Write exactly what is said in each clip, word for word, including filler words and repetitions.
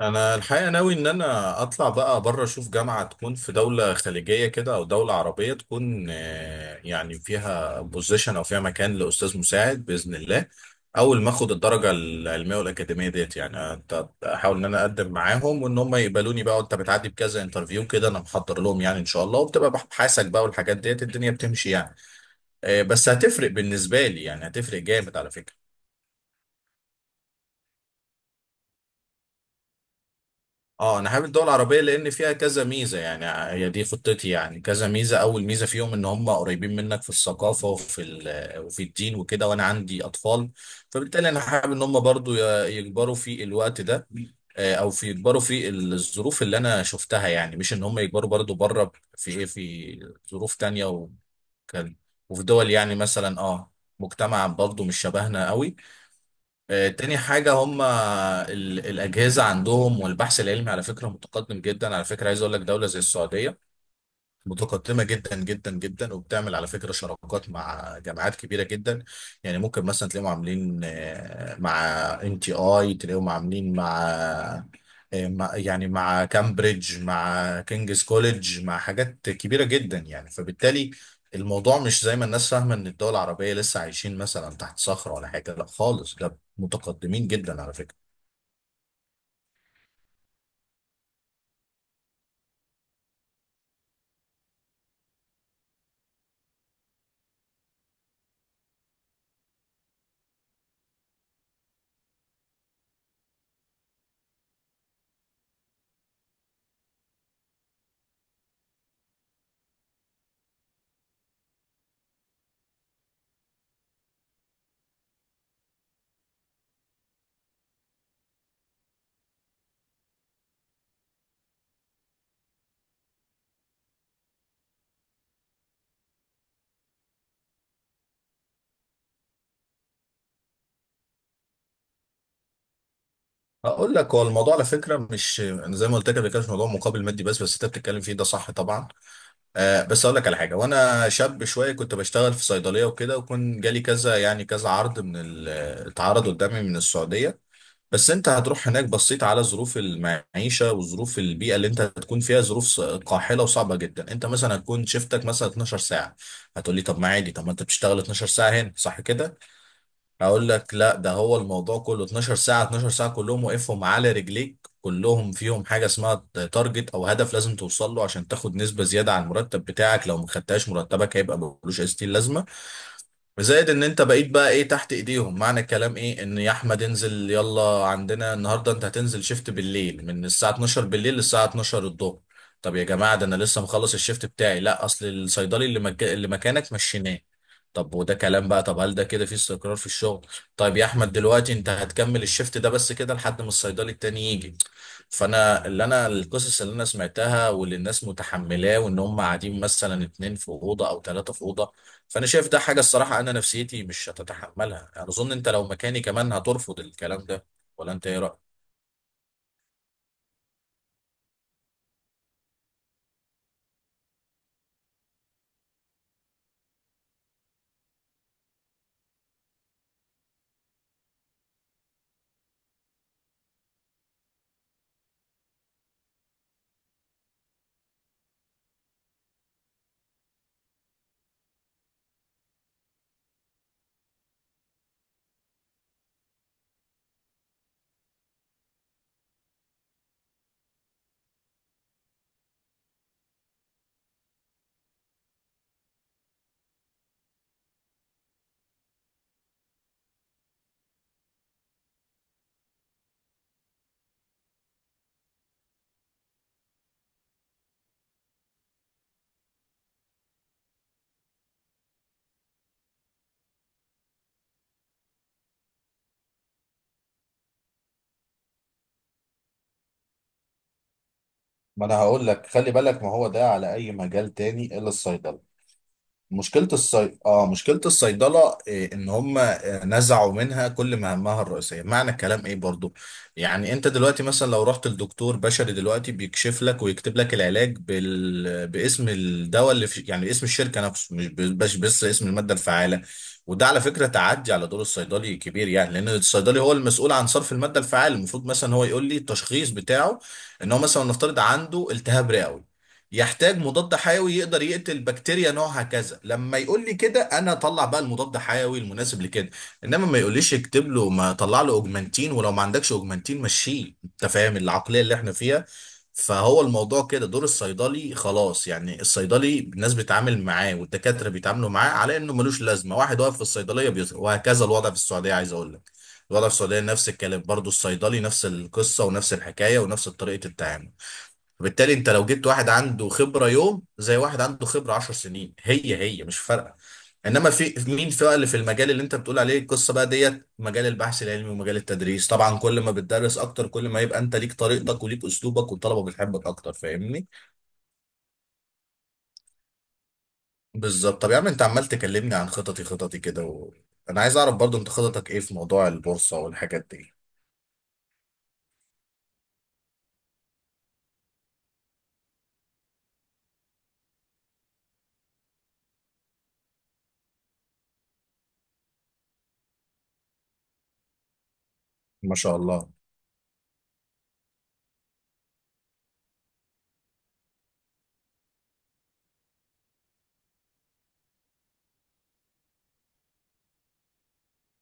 انا الحقيقه ناوي ان انا اطلع بقى بره اشوف جامعه تكون في دوله خليجيه كده او دوله عربيه تكون آه، يعني فيها بوزيشن او فيها مكان لاستاذ مساعد باذن الله. اول ما اخد الدرجه العلميه والاكاديميه ديت يعني أت- احاول ان انا اقدم معاهم وان هم يقبلوني بقى، وانت بتعدي بكذا انترفيو كده انا محضر لهم يعني ان شاء الله، وبتبقى بحثك بقى والحاجات ديت الدنيا بتمشي يعني. آه، بس هتفرق بالنسبه لي يعني، هتفرق جامد على فكره. اه انا حابب الدول العربيه لان فيها كذا ميزه يعني، هي دي خطتي يعني. كذا ميزه، اول ميزه فيهم ان هم قريبين منك في الثقافه وفي ال- وفي الدين وكده، وانا عندي اطفال. فبالتالي انا حابب ان هم برضو ي- يكبروا في الوقت ده، آه، او في يكبروا في الظروف اللي انا شفتها، يعني مش ان هم يكبروا برضو بره في ايه، في ظروف تانية، وكان وفي دول يعني مثلا اه مجتمع برضو مش شبهنا قوي. آه، تاني حاجة هم ال- الأجهزة عندهم والبحث العلمي على فكرة متقدم جدا. على فكرة عايز أقول لك، دولة زي السعودية متقدمة جدا جدا جدا، وبتعمل على فكرة شراكات مع جامعات كبيرة جدا. يعني ممكن مثلا تلاقيهم عاملين آه، مع ان تي اي، تلاقيهم عاملين مع آه، مع- يعني مع كامبريدج، مع كينجز كوليدج، مع حاجات كبيرة جدا يعني. فبالتالي الموضوع مش زي ما الناس فاهمة ان الدول العربية لسه عايشين مثلا تحت صخرة ولا حاجة. لا خالص، ده متقدمين جدا على فكرة. اقول لك، هو الموضوع على فكرة مش انا زي ما قلت لك قبل كده مش موضوع مقابل مادي بس بس انت بتتكلم فيه ده صح طبعا. آه بس اقول لك على حاجه، وانا شاب شويه كنت بشتغل في صيدليه وكده، وكان جالي كذا يعني كذا عرض من ال- اتعرض قدامي من السعوديه. بس انت هتروح هناك، بصيت على ظروف المعيشه وظروف البيئه اللي انت هتكون فيها، ظروف ص- قاحله وصعبه جدا. انت مثلا هتكون شيفتك مثلا اتناشر ساعه. هتقول لي طب ما عادي، طب ما انت بتشتغل اتناشر ساعه هنا صح كده؟ اقول لك لا، ده هو الموضوع كله اتناشر ساعة، اتناشر ساعة كلهم واقفهم على رجليك، كلهم فيهم حاجة اسمها تارجت او هدف لازم توصل له عشان تاخد نسبة زيادة على المرتب بتاعك، لو ما خدتهاش مرتبك هيبقى ملوش اي ستين لازمة. وزائد ان انت بقيت بقى ايه، تحت ايديهم. معنى الكلام ايه؟ ان يا احمد انزل، يلا عندنا النهارده انت هتنزل شيفت بالليل من الساعه اتناشر بالليل للساعه اتناشر الظهر. طب يا جماعه ده انا لسه مخلص الشيفت بتاعي. لا اصل الصيدلي اللي مك... اللي مكانك مشيناه. طب وده كلام بقى؟ طب هل ده كده في استقرار في الشغل؟ طيب يا احمد دلوقتي انت هتكمل الشيفت ده بس كده لحد ما الصيدلي التاني يجي. فانا اللي انا القصص اللي انا سمعتها واللي الناس متحملاه، وان هم قاعدين مثلا اتنين في اوضه او ثلاثه في اوضه. فانا شايف ده حاجه، الصراحه انا نفسيتي مش هتتحملها يعني، اظن انت لو مكاني كمان هترفض الكلام ده. ولا انت ايه رايك؟ ما انا هقول لك خلي بالك، ما هو ده على اي مجال تاني الا الصيدله. مشكلة الصي... اه مشكلة الصيدلة إيه؟ ان هم آه، نزعوا منها كل مهامها الرئيسية. معنى الكلام ايه برضو؟ يعني انت دلوقتي مثلا لو رحت لدكتور بشري دلوقتي بيكشف لك ويكتب لك العلاج بال... باسم الدواء اللي في... يعني اسم الشركة نفسه، مش ب- بس بس اسم المادة الفعالة. وده على فكرة تعدي على دور الصيدلي كبير يعني، لان الصيدلي هو المسؤول عن صرف المادة الفعالة. المفروض مثلا هو يقول لي التشخيص بتاعه، ان هو مثلا نفترض عنده التهاب رئوي، يحتاج مضاد حيوي يقدر يقتل بكتيريا نوعها كذا. لما يقول لي كده انا اطلع بقى المضاد حيوي المناسب لكده. انما ما يقوليش اكتب له، ما طلع له اوجمانتين، ولو ما عندكش اوجمانتين مشيه. انت فاهم العقليه اللي احنا فيها؟ فهو الموضوع كده دور الصيدلي خلاص يعني، الصيدلي الناس بتتعامل معاه والدكاتره بيتعاملوا معاه على انه ملوش لازمه، واحد واقف في الصيدليه بيز... وهكذا. الوضع في السعوديه عايز اقول لك، الوضع في السعوديه نفس الكلام برضو، الصيدلي نفس القصه ونفس الحكايه ونفس طريقه التعامل. فبالتالي انت لو جبت واحد عنده خبرة يوم زي واحد عنده خبرة عشر سنين، هي هي، مش فارقة. انما في مين في بقى اللي في المجال اللي انت بتقول عليه القصة بقى ديت، مجال البحث العلمي ومجال التدريس، طبعا كل ما بتدرس اكتر كل ما يبقى انت ليك طريقتك وليك اسلوبك والطلبة بتحبك اكتر، فاهمني؟ بالظبط. طب يا عم انت عمال تكلمني عن خططي، خططي كده و... انا عايز اعرف برضو انت خططك ايه في موضوع البورصة والحاجات دي. ما شاء الله.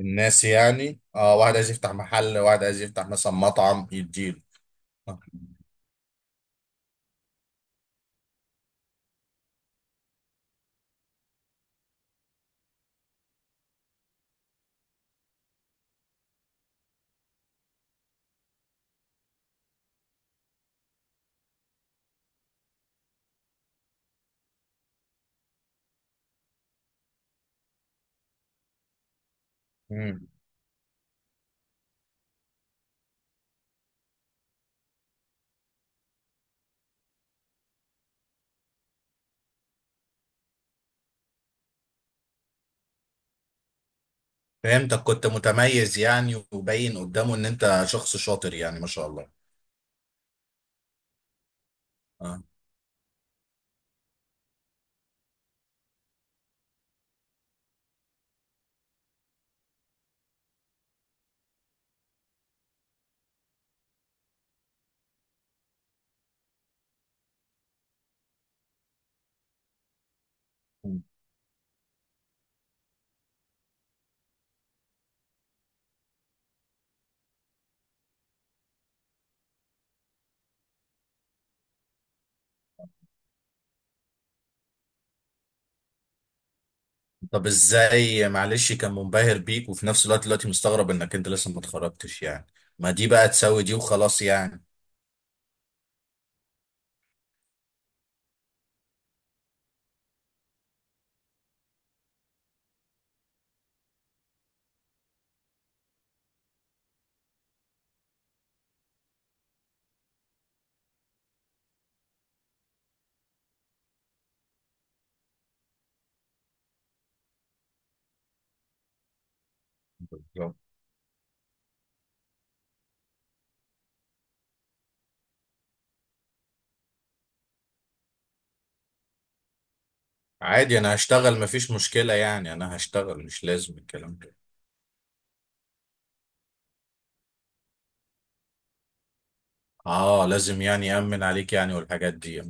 الناس يعني اه، واحد عايز يفتح محل، واحد عايز يفتح مثلا مطعم يديله. فهمتك، كنت متميز يعني وباين قدامه ان انت شخص شاطر يعني، ما شاء الله. آه. طب ازاي؟ معلش كان منبهر بيك وفي نفس الوقت دلوقتي مستغرب انك انت لسه ما اتخرجتش يعني؟ ما دي بقى تساوي دي وخلاص يعني. بالظبط. عادي انا هشتغل، ما فيش مشكلة يعني، انا هشتغل مش لازم الكلام ده. اه لازم يعني يأمن عليك يعني والحاجات دي.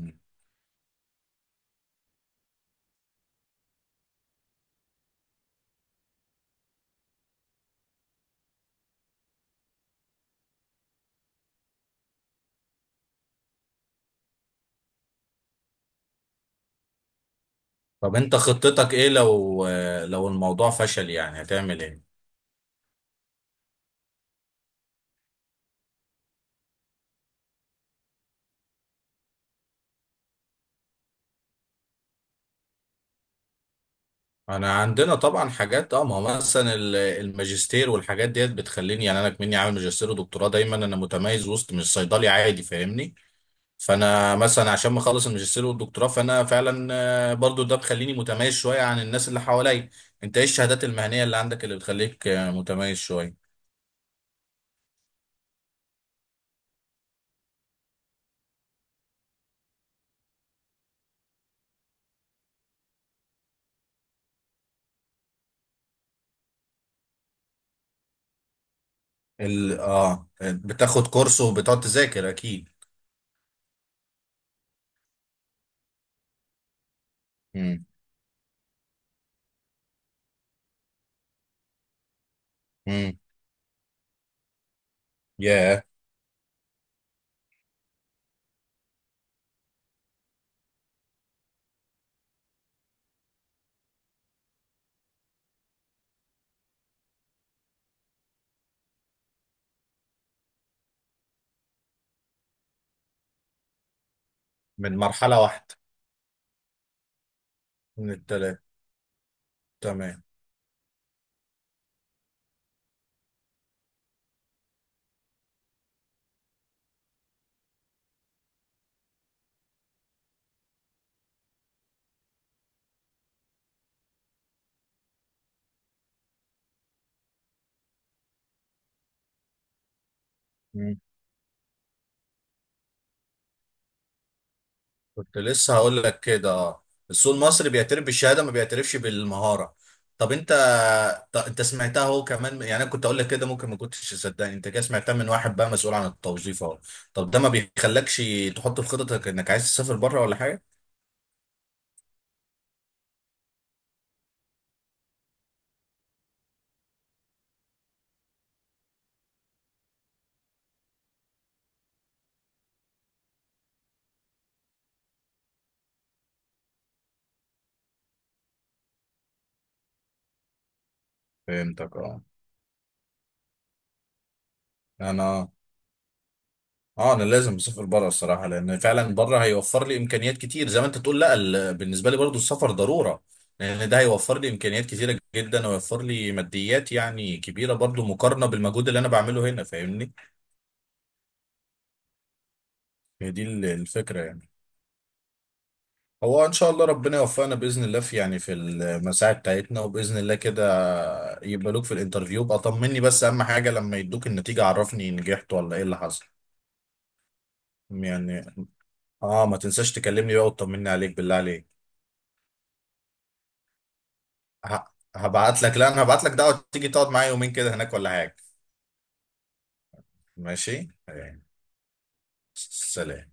طب انت خطتك ايه لو، لو الموضوع فشل يعني هتعمل ايه؟ انا عندنا طبعا حاجات اه، ما هو مثلا ال- الماجستير والحاجات ديت بتخليني يعني، انا كمني عامل ماجستير ودكتوراه دايما انا متميز وسط، مش صيدلي عادي فاهمني. فانا مثلا عشان ما اخلص الماجستير والدكتوراه فانا فعلا آه، برضو ده بخليني متميز شويه عن الناس اللي حواليا. انت ايه الشهادات المهنيه اللي عندك اللي بتخليك آه، متميز شويه؟ ال اه بتاخد كورس وبتقعد تذاكر اكيد. امم. امم. ياه. من مرحله واحده. من التلاته. تمام. كنت لسه هقول لك كده اه. السوق المصري بيعترف بالشهاده ما بيعترفش بالمهاره. طب انت، ط- انت سمعتها هو كمان يعني، انا كنت اقول لك كده ممكن ما كنتش تصدقني، انت كده سمعتها من واحد بقى مسؤول عن التوظيف اهو. طب ده ما بيخلكش تحط في خططك انك عايز تسافر بره ولا حاجه؟ فهمتك اه. انا، اه انا لازم اسافر بره الصراحه، لان فعلا بره هيوفر لي امكانيات كتير. زي ما انت تقول لا، ال- بالنسبه لي برضو السفر ضروره، لان ده هيوفر لي امكانيات كتيره جدا ويوفر لي ماديات يعني كبيره برضو مقارنه بالمجهود اللي انا بعمله هنا، فاهمني؟ هي دي ال- الفكره يعني. هو ان شاء الله ربنا يوفقنا باذن الله في يعني في المساعي بتاعتنا، وباذن الله كده يقبلوك في الانترفيو بقى. طمني بس، اهم حاجه لما يدوك النتيجه عرفني نجحت ولا ايه اللي حصل يعني. اه ما تنساش تكلمني بقى وتطمني عليك بالله عليك. ه- هبعت لك، لا انا هبعت لك دعوة تيجي تقعد معايا يومين كده هناك ولا حاجة. ماشي يعني. سلام.